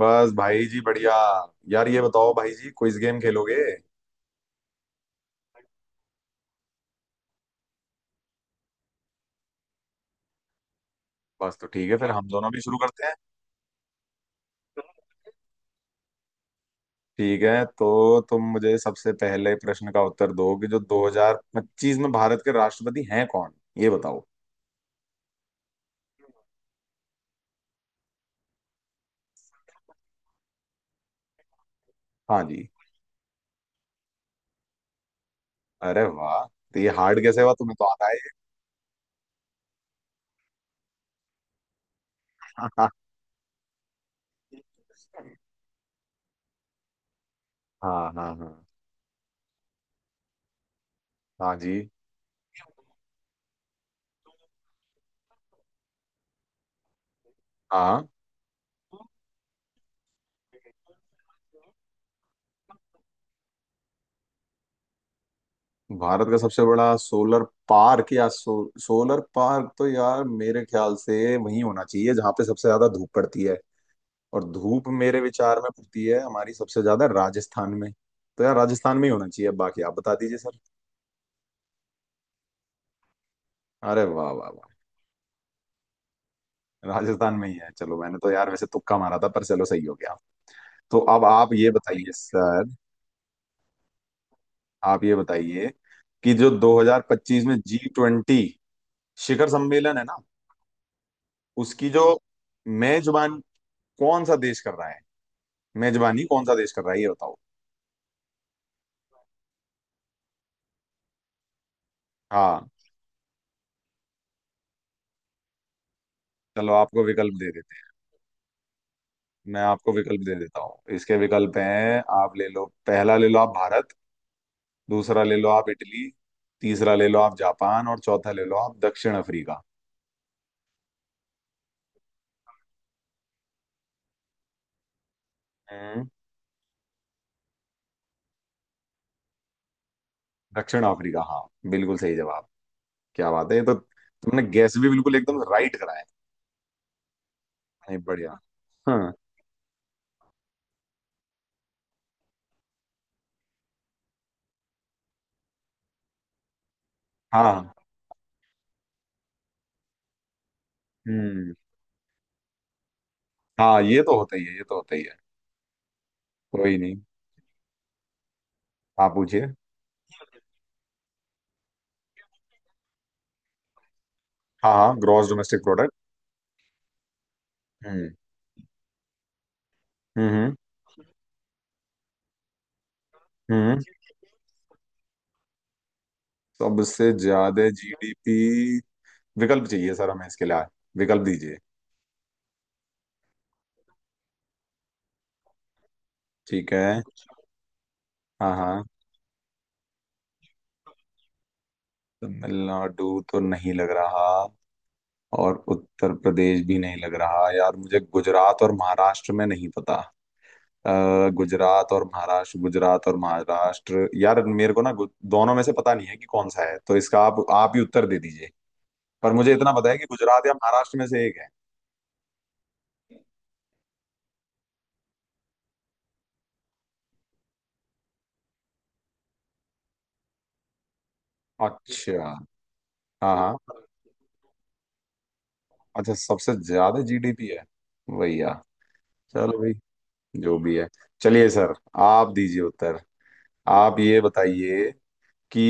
बस भाई जी बढ़िया। यार ये बताओ भाई जी, क्विज गेम खेलोगे? बस तो ठीक है फिर, हाँ हम दोनों भी शुरू करते हैं। ठीक है, तो तुम मुझे सबसे पहले प्रश्न का उत्तर दो कि जो 2025 में भारत के राष्ट्रपति हैं कौन, ये बताओ। हाँ जी। अरे वाह, तो ये हार्ड कैसे हुआ, तुम्हें तो आता है ये। हाँ हाँ हाँ। हाँ जी। हाँ, भारत का सबसे बड़ा सोलर पार्क सोलर पार्क तो यार मेरे ख्याल से वही होना चाहिए जहां पे सबसे ज्यादा धूप पड़ती है, और धूप मेरे विचार में पड़ती है हमारी सबसे ज्यादा राजस्थान में। तो यार राजस्थान में ही होना चाहिए, बाकी आप बता दीजिए सर। अरे वाह वाह वाह, राजस्थान में ही है। चलो मैंने तो यार वैसे तुक्का मारा था, पर चलो सही हो गया। तो अब आप ये बताइए सर, आप ये बताइए कि जो 2025 में G20 शिखर सम्मेलन है ना, उसकी जो मेजबान कौन सा देश कर रहा है, मेजबानी कौन सा देश कर रहा है, ये बताओ। हाँ, चलो आपको विकल्प दे देते हैं। मैं आपको विकल्प दे देता हूँ। इसके विकल्प हैं, आप ले लो पहला, ले लो आप भारत। दूसरा ले लो आप इटली। तीसरा ले लो आप जापान, और चौथा ले लो आप दक्षिण अफ्रीका। हम्म। दक्षिण अफ्रीका, हाँ बिल्कुल सही जवाब। क्या बात है, ये तो तुमने गैस भी बिल्कुल एकदम राइट कराया। नहीं बढ़िया। हाँ हाँ। हम्म। हाँ ये तो होता ही है, ये तो होता ही है। कोई नहीं, आप पूछिए। हाँ हाँ, ग्रॉस डोमेस्टिक प्रोडक्ट। हम्म। हम्म। हम्म, सबसे ज्यादा जीडीपी। विकल्प चाहिए सर हमें इसके लिए, विकल्प दीजिए। ठीक है। हाँ हाँ। तमिलनाडु तो नहीं लग रहा, और उत्तर प्रदेश भी नहीं लग रहा। यार मुझे गुजरात और महाराष्ट्र में नहीं पता। गुजरात और महाराष्ट्र, गुजरात और महाराष्ट्र, यार मेरे को ना दोनों में से पता नहीं है कि कौन सा है, तो इसका आप ही उत्तर दे दीजिए। पर मुझे इतना पता है कि गुजरात या महाराष्ट्र में से एक है। अच्छा। हाँ हाँ। अच्छा, सबसे ज्यादा जीडीपी है भैया। चलो भाई, जो भी है। चलिए सर, आप दीजिए उत्तर। आप ये बताइए कि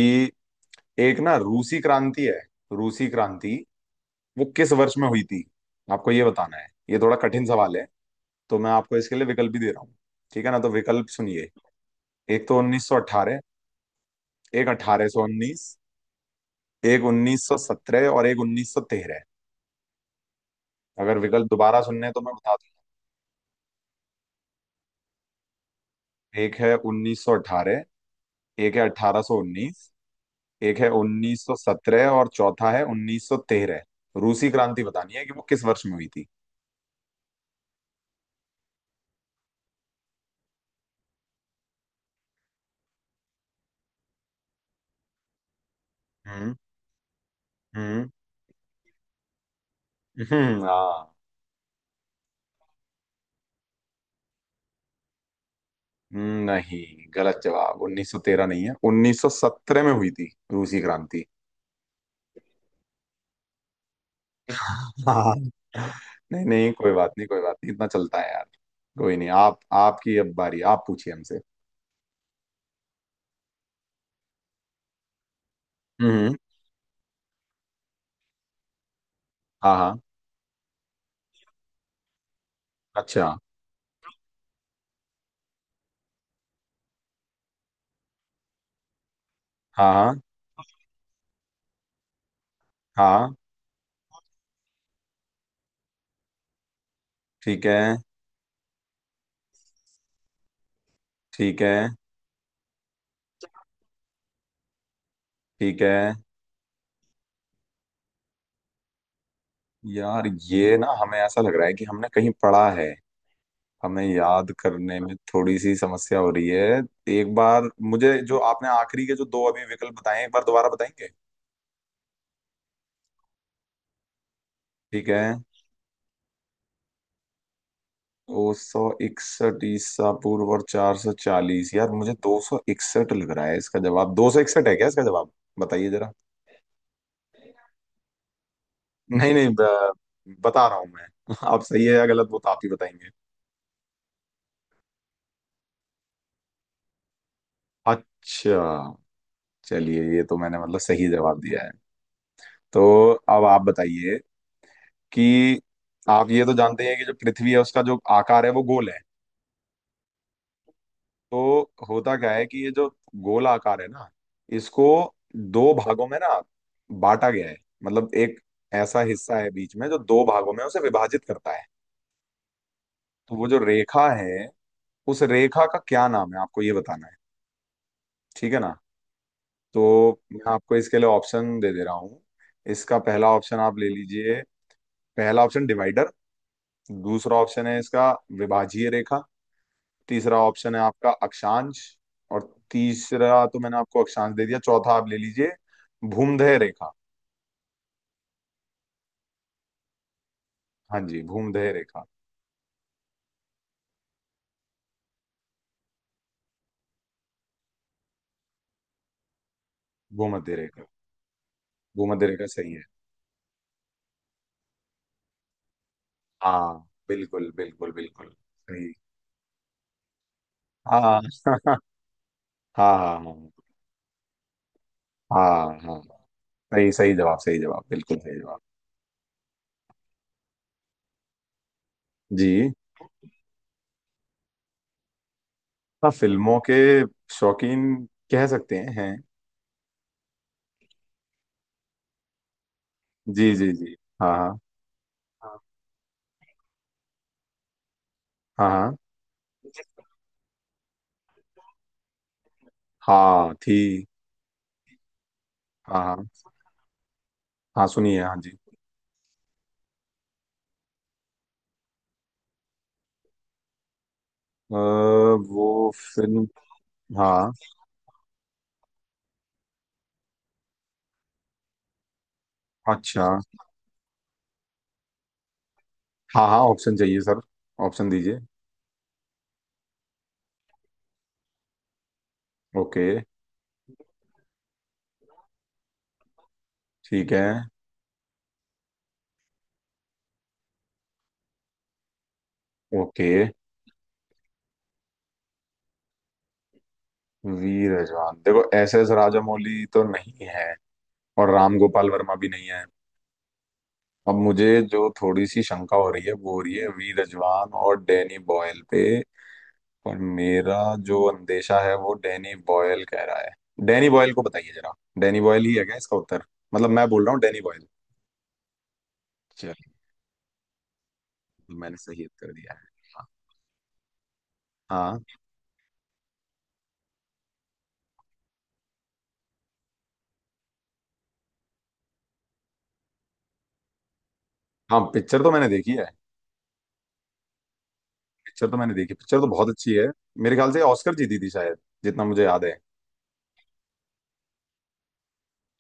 एक ना रूसी क्रांति है, रूसी क्रांति वो किस वर्ष में हुई थी, आपको ये बताना है। ये थोड़ा कठिन सवाल है, तो मैं आपको इसके लिए विकल्प भी दे रहा हूँ। ठीक है ना? तो विकल्प सुनिए। एक तो 1918, एक 1819, एक 1917 और एक 1913। अगर विकल्प दोबारा सुनने हैं तो मैं बता दूं। एक है 1918, एक है 1819, एक है 1917 और चौथा है 1913। रूसी क्रांति बतानी है कि वो किस वर्ष में हुई थी। हम्म। हम्म। हाँ। नहीं, गलत जवाब। 1913 नहीं है, 1917 में हुई थी रूसी क्रांति। हाँ, नहीं नहीं कोई बात नहीं, कोई बात नहीं, इतना चलता है यार। कोई नहीं, आप, आपकी अब बारी, आप पूछिए हमसे। हम्म। हाँ हाँ। अच्छा। हाँ हाँ हाँ। ठीक है ठीक है ठीक है। यार ये ना हमें ऐसा लग रहा है कि हमने कहीं पढ़ा है, हमें याद करने में थोड़ी सी समस्या हो रही है। एक बार मुझे जो आपने आखिरी के जो दो अभी विकल्प बताए, एक बार दोबारा बताएंगे? ठीक है। दो सौ इकसठ ईसा पूर्व और 440। यार मुझे 261 लग रहा है इसका जवाब। 261 है क्या इसका जवाब, बताइए जरा। नहीं नहीं, बता रहा हूँ मैं। आप सही है या गलत, वो तो आप ही बताएंगे। अच्छा, चलिए ये तो मैंने मतलब सही जवाब दिया है। तो अब आप बताइए कि आप ये तो जानते हैं कि जो पृथ्वी है उसका जो आकार है वो गोल है। तो होता क्या है कि ये जो गोल आकार है ना, इसको दो भागों में ना बांटा गया है। मतलब एक ऐसा हिस्सा है बीच में जो दो भागों में उसे विभाजित करता है। तो वो जो रेखा है, उस रेखा का क्या नाम है, आपको ये बताना है। ठीक है ना? तो मैं आपको इसके लिए ऑप्शन दे दे रहा हूँ। इसका पहला ऑप्शन आप ले लीजिए, पहला ऑप्शन डिवाइडर। दूसरा ऑप्शन है इसका विभाजीय रेखा। तीसरा ऑप्शन है आपका अक्षांश। और तीसरा तो मैंने आपको अक्षांश दे दिया, चौथा आप ले लीजिए भूमध्य रेखा। हाँ जी, भूमध्य रेखा। भूमध्य रेखा। भूमध्य रेखा सही है। हाँ बिल्कुल बिल्कुल बिल्कुल सही। हाँ हाँ हाँ हाँ। हाँ हाँ। सही, सही जवाब, सही जवाब, बिल्कुल सही जवाब। जी। हाँ, फिल्मों के शौकीन, कह सकते हैं हैं। जी जी जी, हाँ हाँ। हाँ हाँ। हाँ थी। हाँ हाँ। हाँ सुनिए, हाँ जी। अ, वो फिल्म। हाँ। अच्छा, हाँ हाँ, ऑप्शन चाहिए सर, ऑप्शन दीजिए। ओके। ठीक है। ओके। वी रजवान। देखो S S राजामौली तो नहीं है, और राम गोपाल वर्मा भी नहीं है। अब मुझे जो थोड़ी सी शंका हो रही है वो हो रही है वी रजवान और डैनी बॉयल पे। पर मेरा जो अंदेशा है वो डैनी बॉयल कह रहा है, डैनी बॉयल को। बताइए जरा, डैनी बॉयल ही है क्या इसका उत्तर? मतलब मैं बोल रहा हूँ डैनी बॉयल। चलिए, मैंने सही उत्तर दिया है। हाँ। हाँ। हाँ पिक्चर तो मैंने देखी है। पिक्चर तो मैंने देखी, पिक्चर तो बहुत अच्छी है। मेरे ख्याल से ऑस्कर जीती थी शायद, जितना मुझे याद है।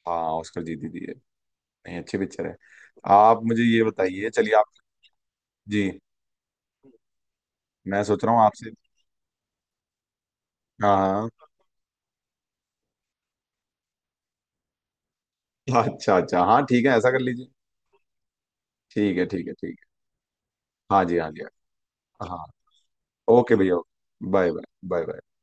हाँ ऑस्कर जीती थी ये। नहीं, अच्छी पिक्चर है। आप मुझे ये बताइए, चलिए आप। जी, मैं सोच रहा हूँ आपसे। हाँ। हाँ अच्छा अच्छा, हाँ ठीक है, ऐसा कर लीजिए। ठीक है ठीक है ठीक है, हाँ जी हाँ जी। हाँ हाँ, ओके भैया। Bye bye, bye bye.